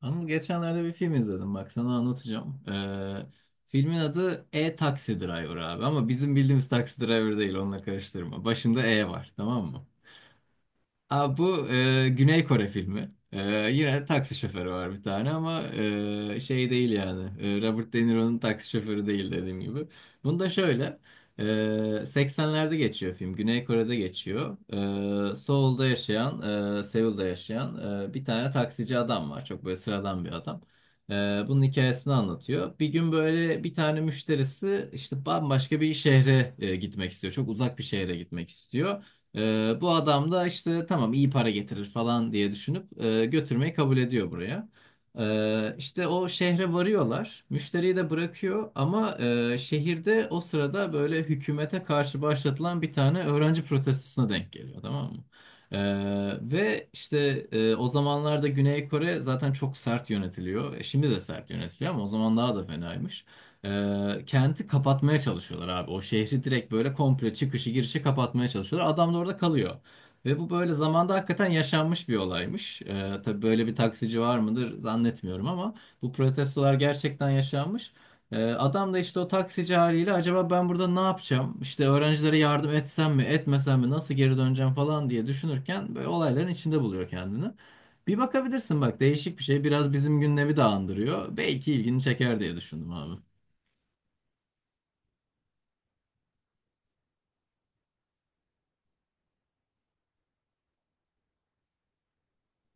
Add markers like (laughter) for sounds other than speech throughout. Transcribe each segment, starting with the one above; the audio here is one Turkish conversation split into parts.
Anıl geçenlerde bir film izledim bak sana anlatacağım. Filmin adı E Taxi Driver abi ama bizim bildiğimiz Taxi Driver değil onunla karıştırma. Başında E var tamam mı? Abi bu Güney Kore filmi. Yine taksi şoförü var bir tane ama şey değil yani. Robert De Niro'nun taksi şoförü değil dediğim gibi. Bunda şöyle. e, 80'lerde geçiyor film. Güney Kore'de geçiyor. Seul'da Seul'da yaşayan bir tane taksici adam var. Çok böyle sıradan bir adam. E, Bunun hikayesini anlatıyor. Bir gün böyle bir tane müşterisi işte bambaşka bir şehre gitmek istiyor. Çok uzak bir şehre gitmek istiyor. Bu adam da işte tamam iyi para getirir falan diye düşünüp götürmeyi kabul ediyor buraya. İşte o şehre varıyorlar. Müşteriyi de bırakıyor ama şehirde o sırada böyle hükümete karşı başlatılan bir tane öğrenci protestosuna denk geliyor tamam mı? Ee, Ve işte o zamanlarda Güney Kore zaten çok sert yönetiliyor. E, Şimdi de sert yönetiliyor ama o zaman daha da fenaymış. Kenti kapatmaya çalışıyorlar abi. O şehri direkt böyle komple çıkışı girişi kapatmaya çalışıyorlar. Adam da orada kalıyor. Ve bu böyle zamanda hakikaten yaşanmış bir olaymış. Tabii böyle bir taksici var mıdır zannetmiyorum ama bu protestolar gerçekten yaşanmış. Adam da işte o taksici haliyle acaba ben burada ne yapacağım? İşte öğrencilere yardım etsem mi, etmesem mi, nasıl geri döneceğim falan diye düşünürken böyle olayların içinde buluyor kendini. Bir bakabilirsin bak değişik bir şey. Biraz bizim gündemi de andırıyor. Belki ilgini çeker diye düşündüm abi.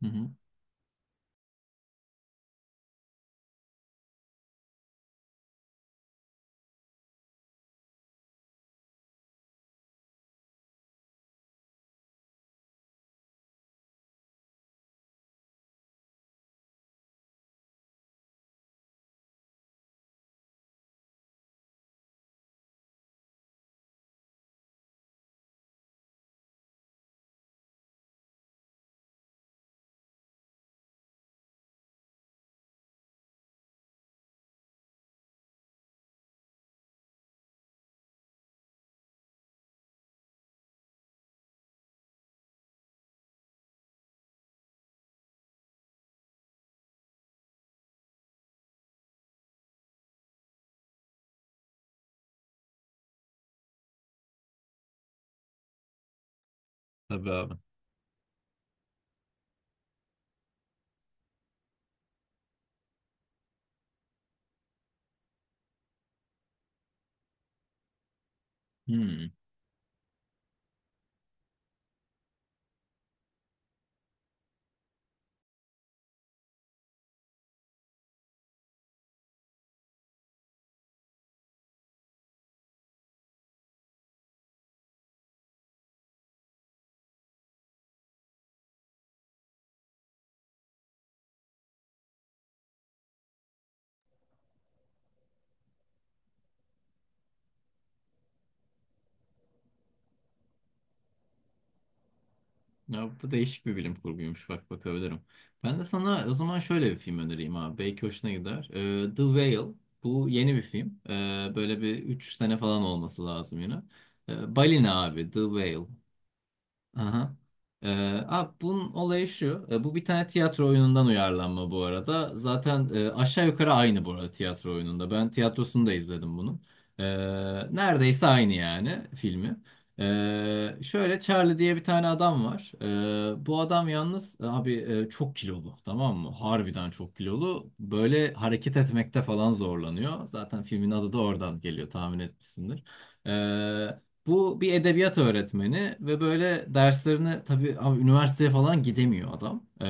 Hı hı. Tabii abi. Hmm. Ya bu da değişik bir bilim kurguymuş. Bak bakabilirim. Ben de sana o zaman şöyle bir film önereyim abi. Belki hoşuna gider. The Whale. Bu yeni bir film. Böyle bir 3 sene falan olması lazım yine. Balina abi. The Whale. Aha. Abi bunun olayı şu. Bu bir tane tiyatro oyunundan uyarlanma bu arada. Zaten aşağı yukarı aynı bu arada tiyatro oyununda. Ben tiyatrosunu da izledim bunun. Ee, Neredeyse aynı yani filmi. Şöyle Charlie diye bir tane adam var. Bu adam yalnız abi çok kilolu tamam mı? Harbiden çok kilolu. Böyle hareket etmekte falan zorlanıyor. Zaten filmin adı da oradan geliyor tahmin etmişsindir. Ee, Bu bir edebiyat öğretmeni ve böyle derslerine tabii abi üniversiteye falan gidemiyor adam.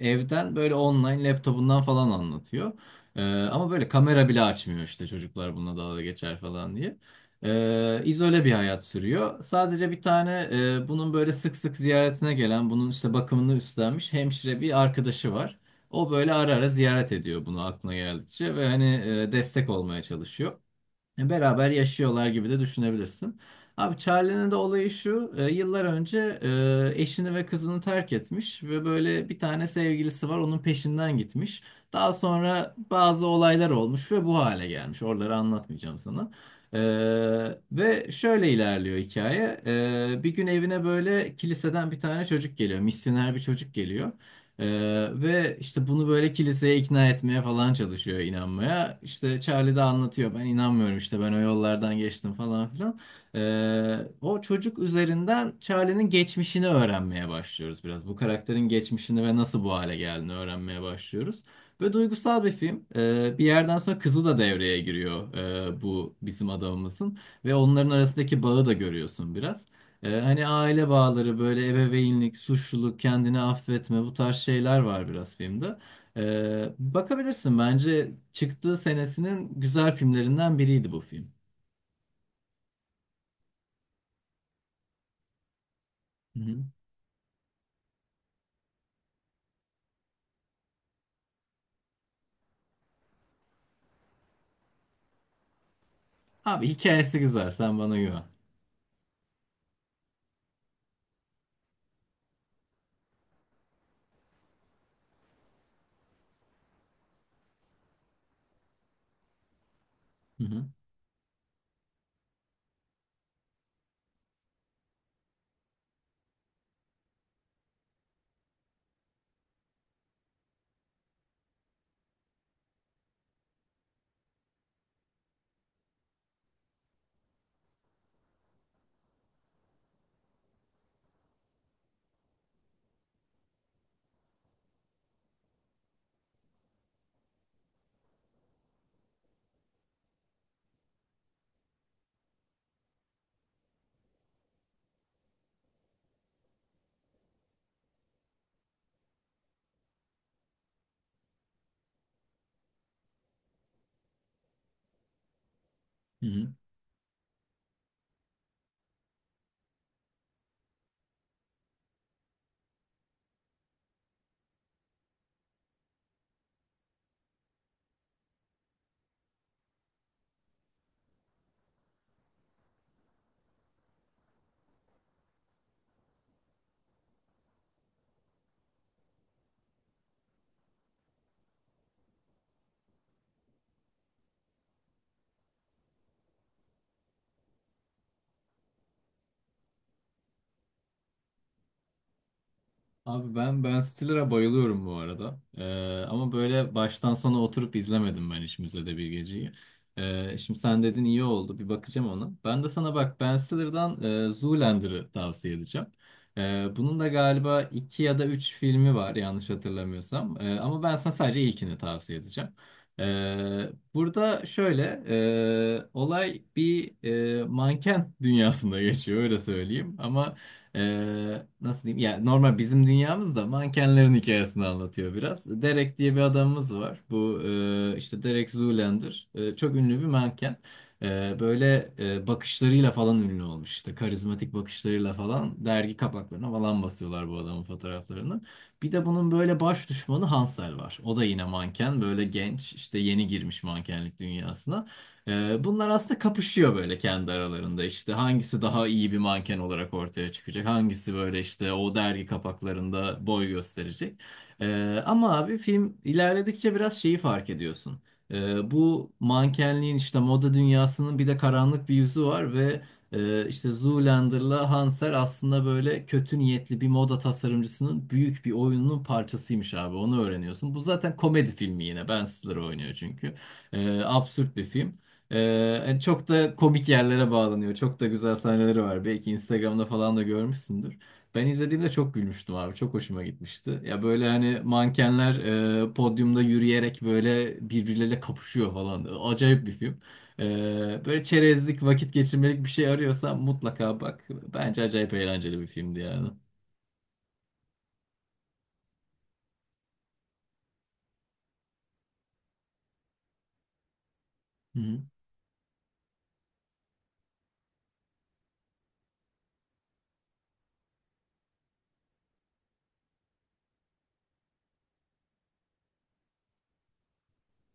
Evden böyle online laptopundan falan anlatıyor. Ama böyle kamera bile açmıyor işte çocuklar bununla dalga geçer falan diye. İzole bir hayat sürüyor. Sadece bir tane bunun böyle sık sık ziyaretine gelen, bunun işte bakımını üstlenmiş hemşire bir arkadaşı var. O böyle ara ara ziyaret ediyor bunu aklına geldikçe ve hani destek olmaya çalışıyor. Beraber yaşıyorlar gibi de düşünebilirsin. Abi Charlie'nin de olayı şu. Yıllar önce eşini ve kızını terk etmiş ve böyle bir tane sevgilisi var onun peşinden gitmiş. Daha sonra bazı olaylar olmuş ve bu hale gelmiş. Oraları anlatmayacağım sana. E, Ve şöyle ilerliyor hikaye. Bir gün evine böyle kiliseden bir tane çocuk geliyor. Misyoner bir çocuk geliyor. Ve işte bunu böyle kiliseye ikna etmeye falan çalışıyor inanmaya. İşte Charlie de anlatıyor ben inanmıyorum işte ben o yollardan geçtim falan filan. O çocuk üzerinden Charlie'nin geçmişini öğrenmeye başlıyoruz biraz. Bu karakterin geçmişini ve nasıl bu hale geldiğini öğrenmeye başlıyoruz. Böyle duygusal bir film. Bir yerden sonra kızı da devreye giriyor bu bizim adamımızın. Ve onların arasındaki bağı da görüyorsun biraz. Hani aile bağları böyle ebeveynlik, suçluluk, kendini affetme bu tarz şeyler var biraz filmde. Bakabilirsin bence çıktığı senesinin güzel filmlerinden biriydi bu film. Hı hı. Abi hikayesi güzel sen bana güven. Hı hı. Hı hı. Abi ben Ben Stiller'a bayılıyorum bu arada. Ama böyle baştan sona oturup izlemedim ben hiç Müzede Bir Geceyi. Şimdi sen dedin iyi oldu bir bakacağım ona. Ben de sana bak Ben Stiller'dan Zoolander'ı tavsiye edeceğim. Bunun da galiba iki ya da üç filmi var yanlış hatırlamıyorsam. Ama ben sana sadece ilkini tavsiye edeceğim. Burada şöyle olay bir manken dünyasında (laughs) geçiyor öyle söyleyeyim. Ama nasıl diyeyim? Yani normal bizim dünyamızda mankenlerin hikayesini anlatıyor biraz. Derek diye bir adamımız var. Bu işte Derek Zoolander. Çok ünlü bir manken. Böyle bakışlarıyla falan ünlü olmuş. İşte karizmatik bakışlarıyla falan dergi kapaklarına falan basıyorlar bu adamın fotoğraflarını. Bir de bunun böyle baş düşmanı Hansel var. O da yine manken. Böyle genç işte yeni girmiş mankenlik dünyasına. Bunlar aslında kapışıyor böyle kendi aralarında işte hangisi daha iyi bir manken olarak ortaya çıkacak hangisi böyle işte o dergi kapaklarında boy gösterecek. Ama abi film ilerledikçe biraz şeyi fark ediyorsun. Bu mankenliğin işte moda dünyasının bir de karanlık bir yüzü var ve işte Zoolander'la Hanser aslında böyle kötü niyetli bir moda tasarımcısının büyük bir oyununun parçasıymış abi onu öğreniyorsun bu zaten komedi filmi yine Ben Stiller oynuyor çünkü absürt bir film, hani çok da komik yerlere bağlanıyor. Çok da güzel sahneleri var. Belki Instagram'da falan da görmüşsündür. Ben izlediğimde çok gülmüştüm abi. Çok hoşuma gitmişti. Ya böyle hani mankenler podyumda yürüyerek böyle birbirleriyle kapışıyor falan. Acayip bir film. Böyle çerezlik, vakit geçirmelik bir şey arıyorsan mutlaka bak. Bence acayip eğlenceli bir filmdi yani. Hı hı.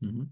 Hı hı.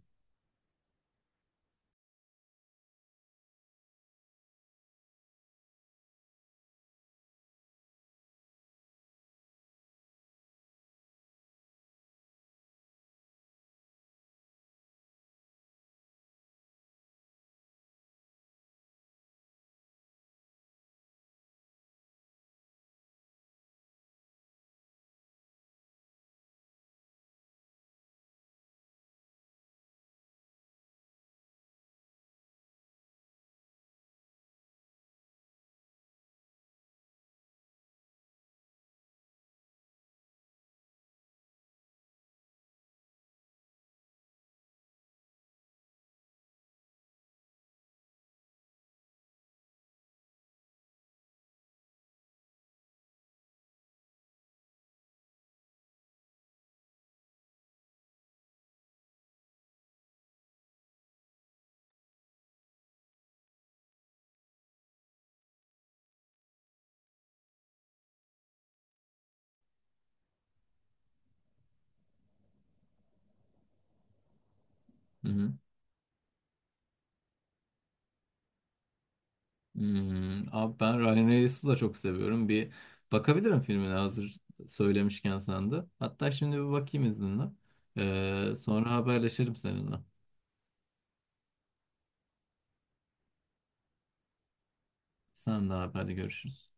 Hı hı. Hmm, abi ben Ryan Reynolds'ı da çok seviyorum. Bir bakabilirim filmine hazır söylemişken sen de. Hatta şimdi bir bakayım izninle. Sonra haberleşelim seninle. Sen de abi hadi görüşürüz.